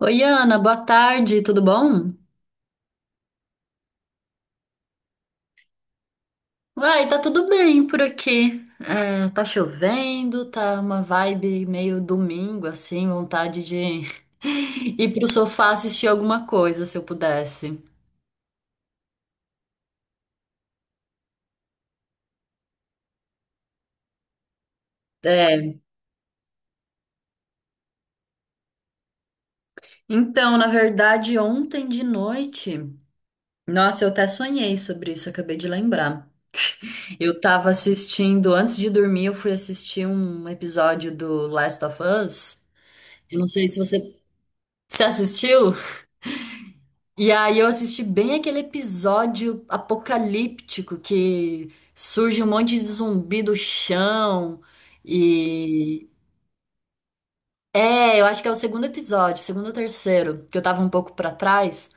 Oi, Ana, boa tarde, tudo bom? Uai, tá tudo bem por aqui. É, tá chovendo, tá uma vibe meio domingo, assim, vontade de ir pro sofá assistir alguma coisa, se eu pudesse. É, então, na verdade, ontem de noite, nossa, eu até sonhei sobre isso, acabei de lembrar. Eu tava assistindo, antes de dormir, eu fui assistir um episódio do Last of Us. Eu não sei se você se assistiu. E aí eu assisti bem aquele episódio apocalíptico que surge um monte de zumbi do chão e eu acho que é o segundo episódio, segundo ou terceiro, que eu tava um pouco pra trás.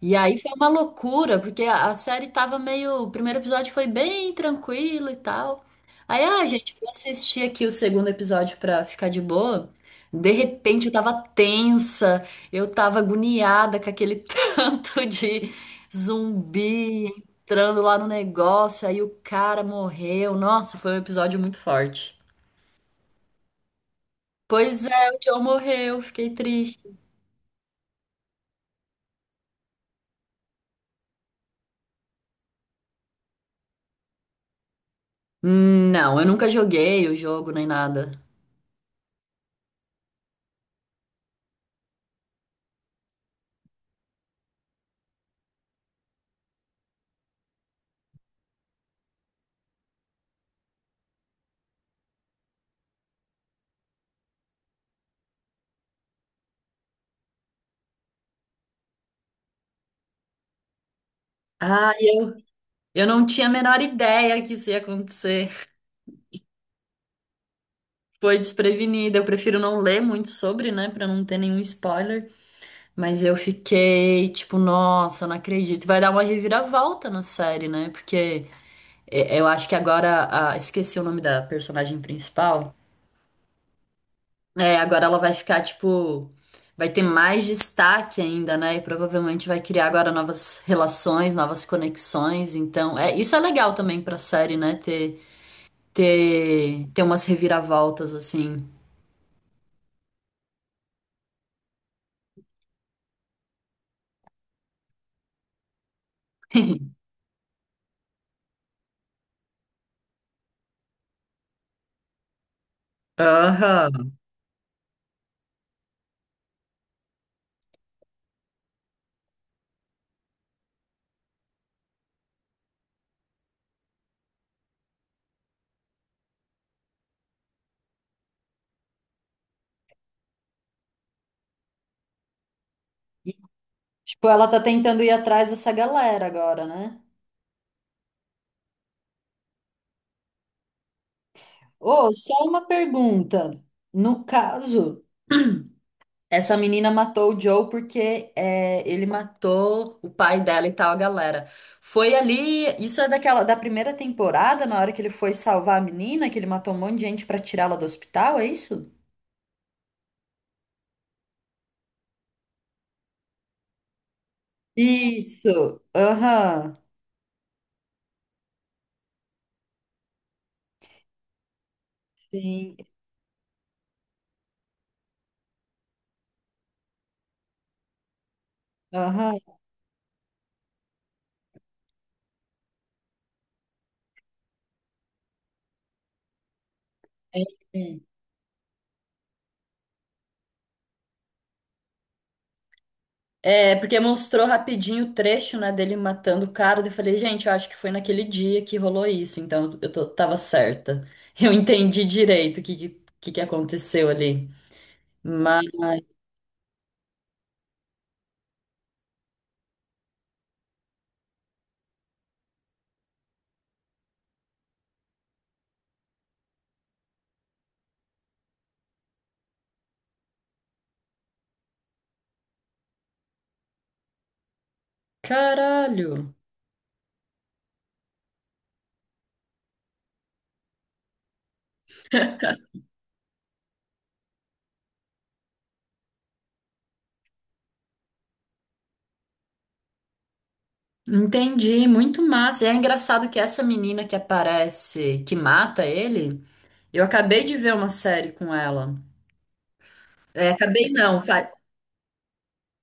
E aí foi uma loucura, porque a série tava meio. O primeiro episódio foi bem tranquilo e tal. Aí, ah, gente, vou assistir aqui o segundo episódio pra ficar de boa. De repente eu tava tensa, eu tava agoniada com aquele tanto de zumbi entrando lá no negócio. Aí o cara morreu. Nossa, foi um episódio muito forte. Pois é, o John morreu, fiquei triste. Não, eu nunca joguei o jogo nem nada. Ah, eu não tinha a menor ideia que isso ia acontecer. Foi desprevenida. Eu prefiro não ler muito sobre, né, pra não ter nenhum spoiler. Mas eu fiquei tipo, nossa, não acredito. Vai dar uma reviravolta na série, né? Porque é, eu acho que agora, esqueci o nome da personagem principal. É, agora ela vai ficar tipo, vai ter mais destaque ainda, né? E provavelmente vai criar agora novas relações, novas conexões. Então, é, isso é legal também pra série, né? Ter ter umas reviravoltas assim. Aham. Tipo, ela tá tentando ir atrás dessa galera agora, né? Ô, só uma pergunta. No caso, essa menina matou o Joe porque é, ele matou o pai dela e tal, a galera. Foi ali, isso é daquela da primeira temporada, na hora que ele foi salvar a menina, que ele matou um monte de gente pra tirá-la do hospital, é isso? Isso. Aham. Sim. Aham. É. É. É, porque mostrou rapidinho o trecho, né, dele matando o cara. Daí eu falei, gente, eu acho que foi naquele dia que rolou isso, então tava certa. Eu entendi direito o que que aconteceu ali. Mas, caralho. Entendi, muito massa. E é engraçado que essa menina que aparece, que mata ele, eu acabei de ver uma série com ela. É, acabei não,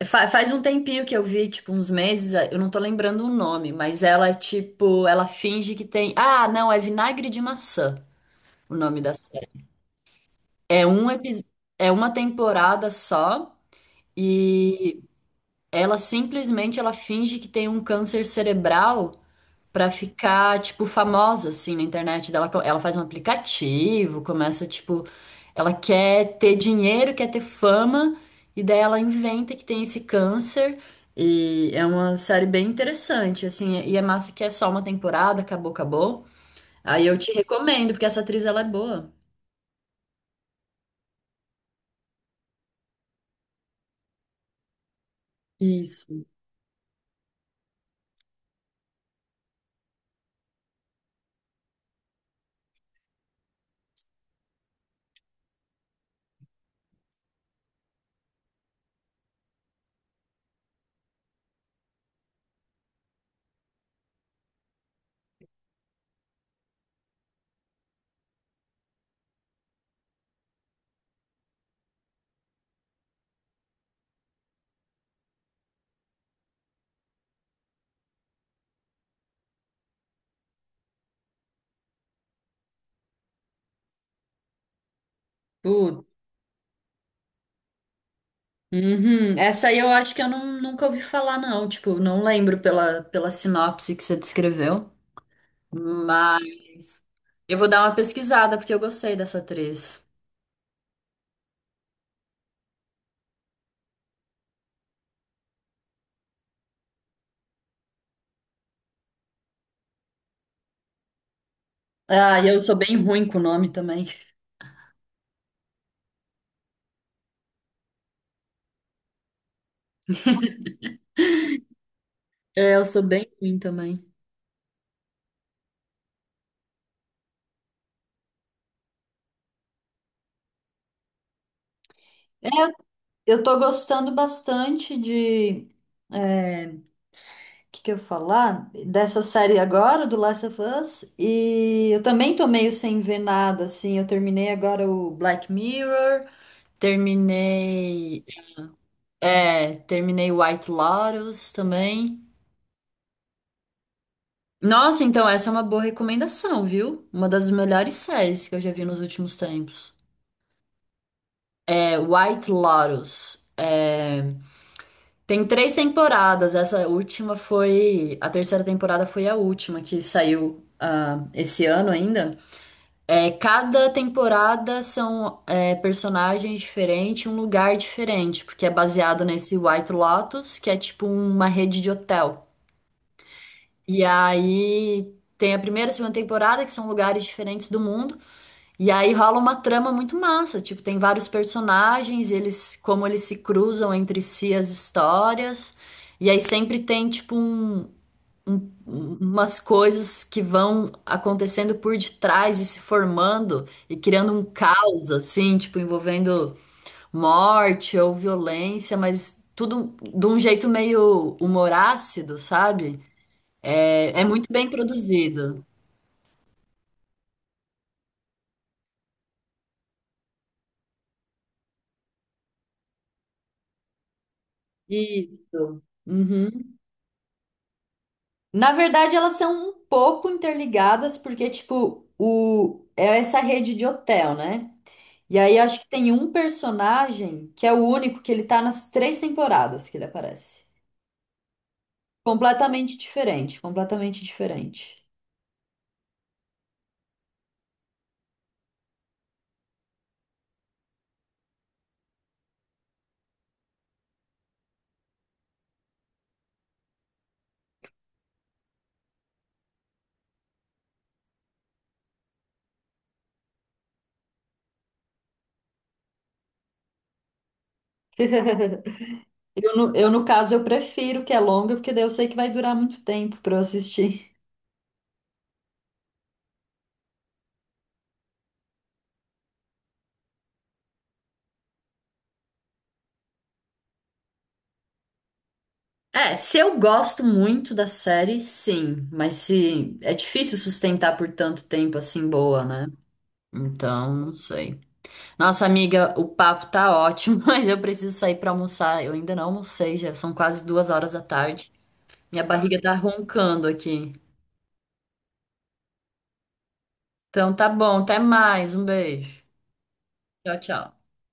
Faz um tempinho que eu vi, tipo, uns meses, eu não tô lembrando o nome, mas ela, tipo, ela finge que tem. Ah, não, é Vinagre de Maçã, o nome da série. É um epi... é uma temporada só e ela simplesmente ela finge que tem um câncer cerebral pra ficar, tipo, famosa, assim, na internet dela. Ela faz um aplicativo, começa, tipo, ela quer ter dinheiro, quer ter fama, e daí ela inventa que tem esse câncer. E é uma série bem interessante, assim, e é massa que é só uma temporada, acabou, acabou. Aí eu te recomendo, porque essa atriz, ela é boa. Isso, tudo. Uhum. Essa aí eu acho que eu nunca ouvi falar, não. Tipo, não lembro pela sinopse que você descreveu. Mas eu vou dar uma pesquisada porque eu gostei dessa atriz. Ah, e eu sou bem ruim com o nome também. É, eu sou bem ruim também. É, eu tô gostando bastante de. O que que eu ia falar? Dessa série agora, do Last of Us. E eu também tô meio sem ver nada, assim. Eu terminei agora o Black Mirror. Terminei. É, terminei White Lotus também. Nossa, então essa é uma boa recomendação, viu? Uma das melhores séries que eu já vi nos últimos tempos. É White Lotus. É, tem 3 temporadas. Essa última foi. A terceira temporada foi a última que saiu esse ano ainda. É, cada temporada são personagens diferentes, um lugar diferente, porque é baseado nesse White Lotus, que é tipo uma rede de hotel. E aí tem a primeira e a segunda temporada, que são lugares diferentes do mundo. E aí rola uma trama muito massa, tipo, tem vários personagens, eles como eles se cruzam entre si as histórias. E aí sempre tem tipo umas coisas que vão acontecendo por detrás e se formando e criando um caos assim, tipo, envolvendo morte ou violência, mas tudo de um jeito meio humorácido, sabe? É, é muito bem produzido. Isso. Uhum. Na verdade, elas são um pouco interligadas, porque, tipo, o... é essa rede de hotel, né? E aí acho que tem um personagem que é o único que ele tá nas 3 temporadas que ele aparece. Completamente diferente, completamente diferente. No caso, eu prefiro que é longa, porque daí eu sei que vai durar muito tempo pra eu assistir. É, se eu gosto muito da série, sim, mas se é difícil sustentar por tanto tempo assim boa, né? Então, não sei. Nossa amiga, o papo tá ótimo, mas eu preciso sair pra almoçar. Eu ainda não almocei, já são quase 2 horas da tarde. Minha barriga tá roncando aqui. Então tá bom, até mais. Um beijo. Tchau, tchau.